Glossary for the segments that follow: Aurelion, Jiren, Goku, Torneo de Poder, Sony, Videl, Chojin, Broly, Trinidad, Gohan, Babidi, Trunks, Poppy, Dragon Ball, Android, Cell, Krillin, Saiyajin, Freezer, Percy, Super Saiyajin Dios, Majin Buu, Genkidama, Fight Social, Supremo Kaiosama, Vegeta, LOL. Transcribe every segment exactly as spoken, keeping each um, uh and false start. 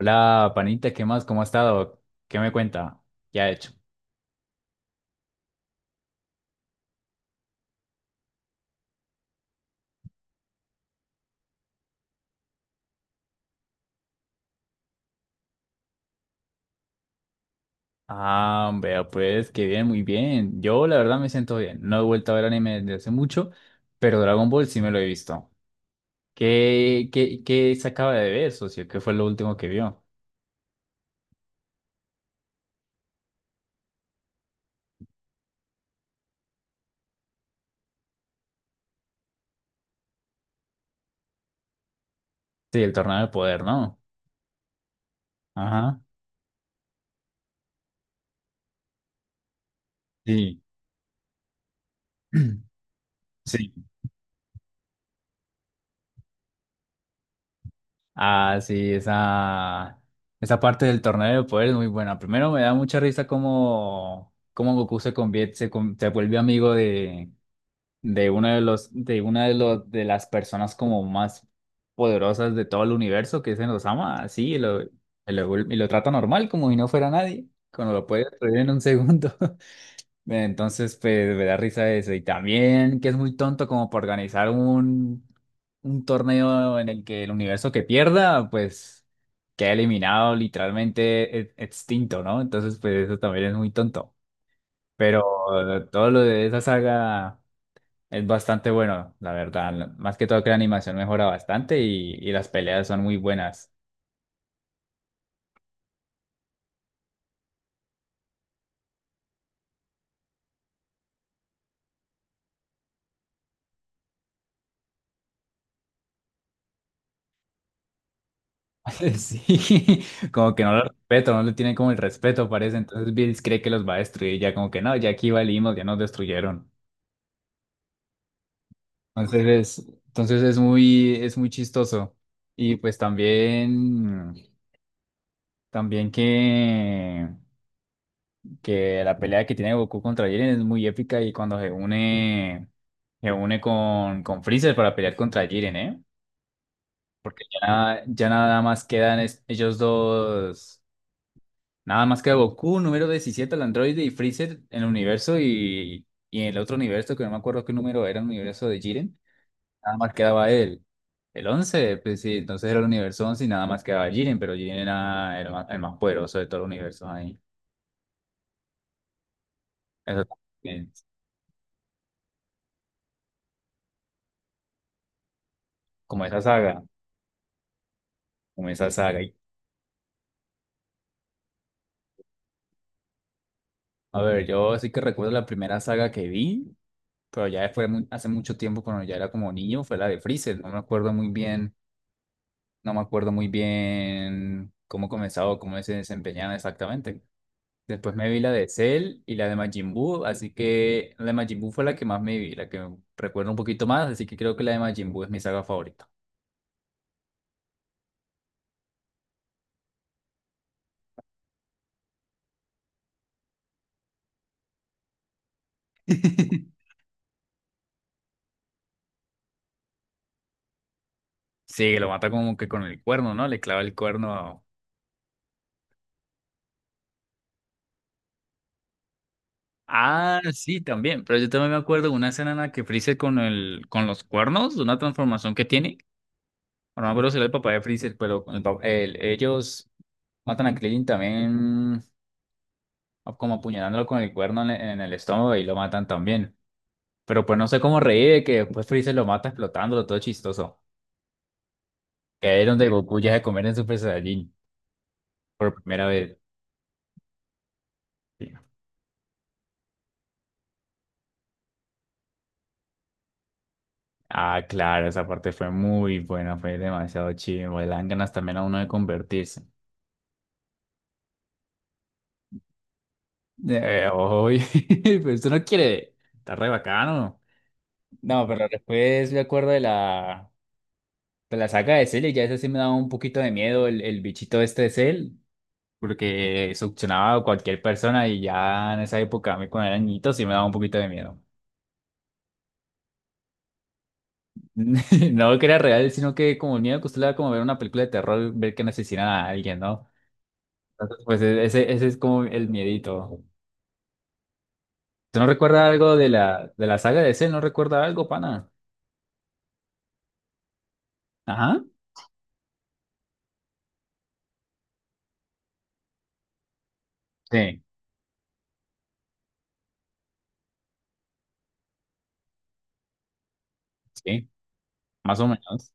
Hola, panita, ¿qué más? ¿Cómo ha estado? ¿Qué me cuenta? ¿Qué ha hecho? Ah, veo, pues, que bien, muy bien. Yo, la verdad, me siento bien. No he vuelto a ver anime desde hace mucho, pero Dragon Ball sí me lo he visto. ¿Qué, qué, qué se acaba de ver, socio? ¿Qué fue lo último que vio? Sí, el Torneo de Poder, ¿no? Ajá. Sí. Sí. Ah, sí, esa, esa parte del Torneo de Poder es muy buena. Primero, me da mucha risa cómo, cómo Goku se convierte, se, con- se vuelve amigo de de uno de los, de una de los, de las personas como más poderosas de todo el universo, que se nos ama así, y lo, y lo, y lo trata normal, como si no fuera nadie, cuando lo puede destruir en un segundo. Entonces, pues, me da risa eso. Y también que es muy tonto como para organizar un, un torneo en el que el universo que pierda, pues, queda eliminado, literalmente e- extinto, ¿no? Entonces, pues, eso también es muy tonto. Pero todo lo de esa saga es bastante bueno, la verdad. Más que todo que la animación mejora bastante y, y las peleas son muy buenas. Sí, como que no lo respeto, no le tienen como el respeto, parece. Entonces Bills cree que los va a destruir, ya como que no, ya aquí valimos, ya nos destruyeron. Entonces es, entonces es muy, es muy chistoso. Y pues también, también que, que la pelea que tiene Goku contra Jiren es muy épica y cuando se une, se une con, con Freezer para pelear contra Jiren, ¿eh? Porque ya, ya nada más quedan es- ellos dos. Nada más queda Goku, número diecisiete el androide, y Freezer en el universo y, y en el otro universo, que no me acuerdo qué número era, el universo de Jiren. Nada más quedaba él. El once pues sí, entonces era el universo once y nada más quedaba Jiren, pero Jiren era el más, el más poderoso de todo el universo ahí. Eso también. Como esa saga, como esa saga. Y- A ver, yo sí que recuerdo la primera saga que vi, pero ya fue mu- hace mucho tiempo cuando ya era como niño, fue la de Freezer. No me acuerdo muy bien No me acuerdo muy bien cómo comenzaba o cómo se desempeñaba exactamente. Después me vi la de Cell y la de Majin Buu, así que la de Majin Buu fue la que más me vi, la que recuerdo un poquito más, así que creo que la de Majin Buu es mi saga favorita. Sí, lo mata como que con el cuerno, ¿no? Le clava el cuerno. a- Ah, sí, también. Pero yo también me acuerdo de una escena en la que Freezer con el, con los cuernos, de una transformación que tiene. Bueno, no me acuerdo si era el papá de Freezer, pero con el, pa- el- ellos matan a Krillin también o como apuñalándolo con el cuerno en el, en el estómago y lo matan también. Pero pues no sé cómo reír de que después Freezer lo mata explotándolo, todo chistoso. Que ahí es donde Goku ya se convierte en Super Saiyajin por primera vez. Sí. Ah, claro, esa parte fue muy buena, fue demasiado chido. Le dan ganas también a uno de convertirse. Eh, oy, pero esto no quiere, está re bacano. No, pero después me acuerdo de la, de la saga de Cell y ya ese sí me daba un poquito de miedo el, el bichito este de Cell. Porque succionaba a cualquier persona y ya en esa época, a mí cuando era niñito, sí me daba un poquito de miedo. No que era real, sino que como el miedo que usted le da como ver una película de terror, ver que asesinan a alguien, ¿no? Entonces, pues e- ese, ese es como el miedito. ¿Tú no recuerdas algo de la, de la saga de ese? ¿No recuerda algo, pana? Ajá. Sí, sí, más o menos.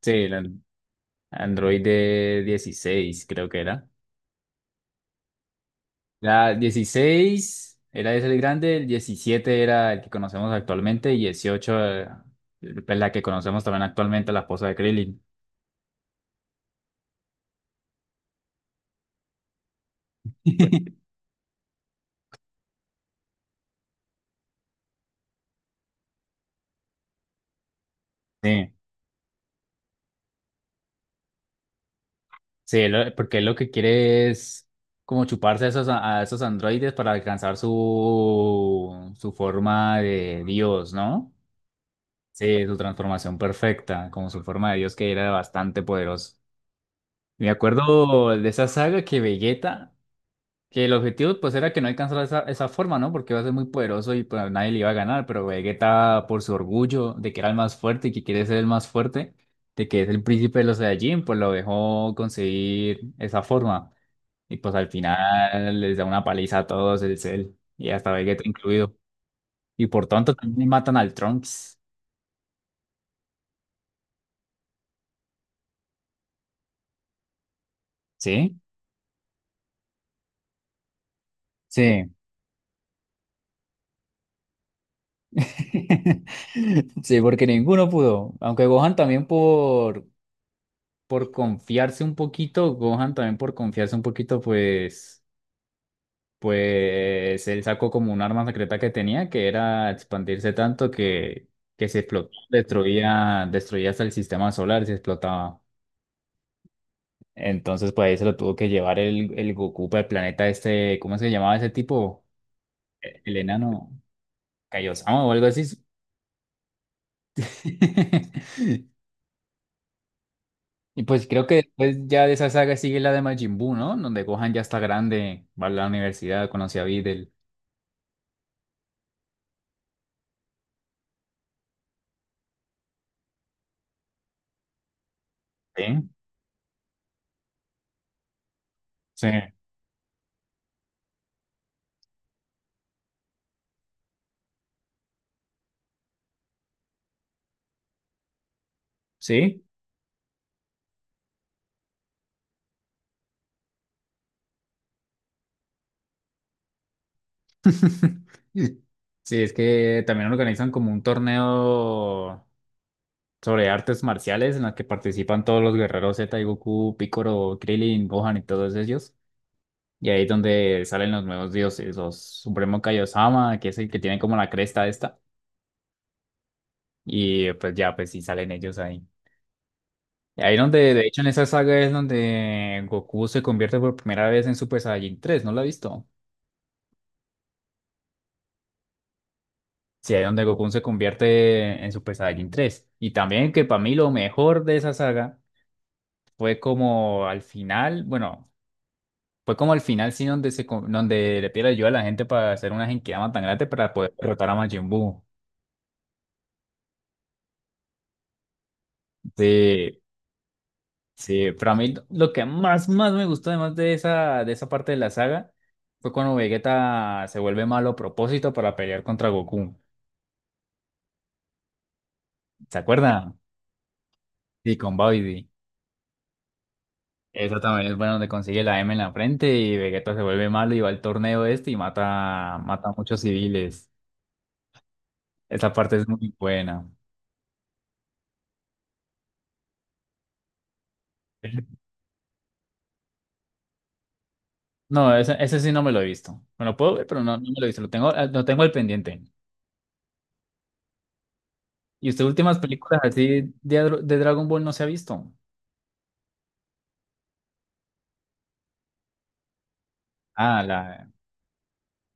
Sí, el an- Android de dieciséis creo que era. Era dieciséis era ese el grande, el diecisiete era el que conocemos actualmente y dieciocho eh, es la que conocemos también actualmente, la esposa de Krillin. Sí, sí, él lo- porque él lo que quiere es como chuparse a esos, a esos, androides para alcanzar su, su forma de Dios, ¿no? Sí, su transformación perfecta, como su forma de Dios que era bastante poderoso. Me acuerdo de esa saga que Vegeta que el objetivo pues era que no alcanzara esa, esa forma, ¿no? Porque iba a ser muy poderoso y pues nadie le iba a ganar, pero Vegeta por su orgullo de que era el más fuerte y que quiere ser el más fuerte, de que es el príncipe de los Saiyajin, pues lo dejó conseguir esa forma. Y pues al final les da una paliza a todos, el Cell y hasta Vegeta incluido. Y por tanto también matan al Trunks. ¿Sí? Sí. Sí, porque ninguno pudo. Aunque Gohan también por por confiarse un poquito, Gohan también por confiarse un poquito, pues, pues él sacó como un arma secreta que tenía, que era expandirse tanto que, que se explotó, destruía, destruía hasta el sistema solar, se explotaba. Entonces, pues ahí se lo tuvo que llevar el, el Goku para el planeta este, ¿cómo se llamaba ese tipo? El, el enano, Kaiosama o algo así. Y pues creo que después ya de esa saga sigue la de Majin Buu, ¿no? Donde Gohan ya está grande, va a la universidad, conoce a Videl. ¿Sí? Sí, sí. Sí, es que también organizan como un torneo sobre artes marciales en la que participan todos los guerreros Z y Goku, Piccolo, Krillin, Gohan y todos ellos. Y ahí es donde salen los nuevos dioses, los Supremo Kaiosama, que es el que tiene como la cresta esta. Y eh, pues ya, pues sí salen ellos ahí. Y ahí donde, de hecho, en esa saga es donde Goku se convierte por primera vez en Super Saiyajin tres. ¿No lo ha visto? Sí, ahí es donde Goku se convierte en Super Saiyajin tres. Y también que para mí lo mejor de esa saga fue como al final, bueno, fue como al final sí donde se con- donde le pide ayuda a la gente para hacer una Genkidama tan grande para poder derrotar a Majin Buu. Sí, sí, para mí lo que más más me gustó además de esa de esa parte de la saga fue cuando Vegeta se vuelve malo a propósito para pelear contra Goku. ¿Se acuerdan? Sí, con Babidi. Eso también es bueno donde consigue la M en la frente y Vegeta se vuelve malo y va al torneo este y mata, mata a muchos civiles. Esa parte es muy buena. No, ese, ese sí no me lo he visto. Me lo puedo ver, pero no, no me lo he visto. Lo tengo, lo tengo al pendiente. ¿Y usted últimas películas así de, Adro- de Dragon Ball no se ha visto? Ah, la,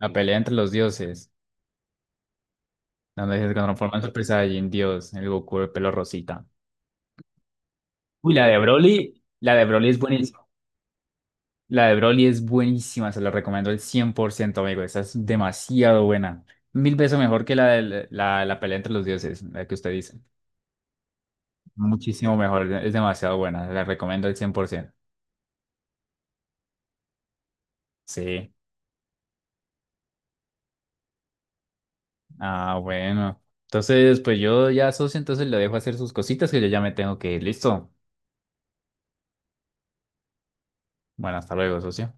la pelea entre los dioses, donde se transforma en Super Saiyajin Dios, el Goku de pelo rosita. Uy, la de Broly, la de Broly es buenísima. La de Broly es buenísima, se la recomiendo el cien por ciento, amigo. Esa es demasiado buena. Mil veces mejor que la de la, la- la pelea entre los dioses, la que usted dice. Muchísimo mejor, es demasiado buena, la recomiendo el cien por ciento. Sí, ah, bueno. Entonces, pues yo ya, socio, entonces le dejo hacer sus cositas que yo ya me tengo que ir. Listo. Bueno, hasta luego, socio.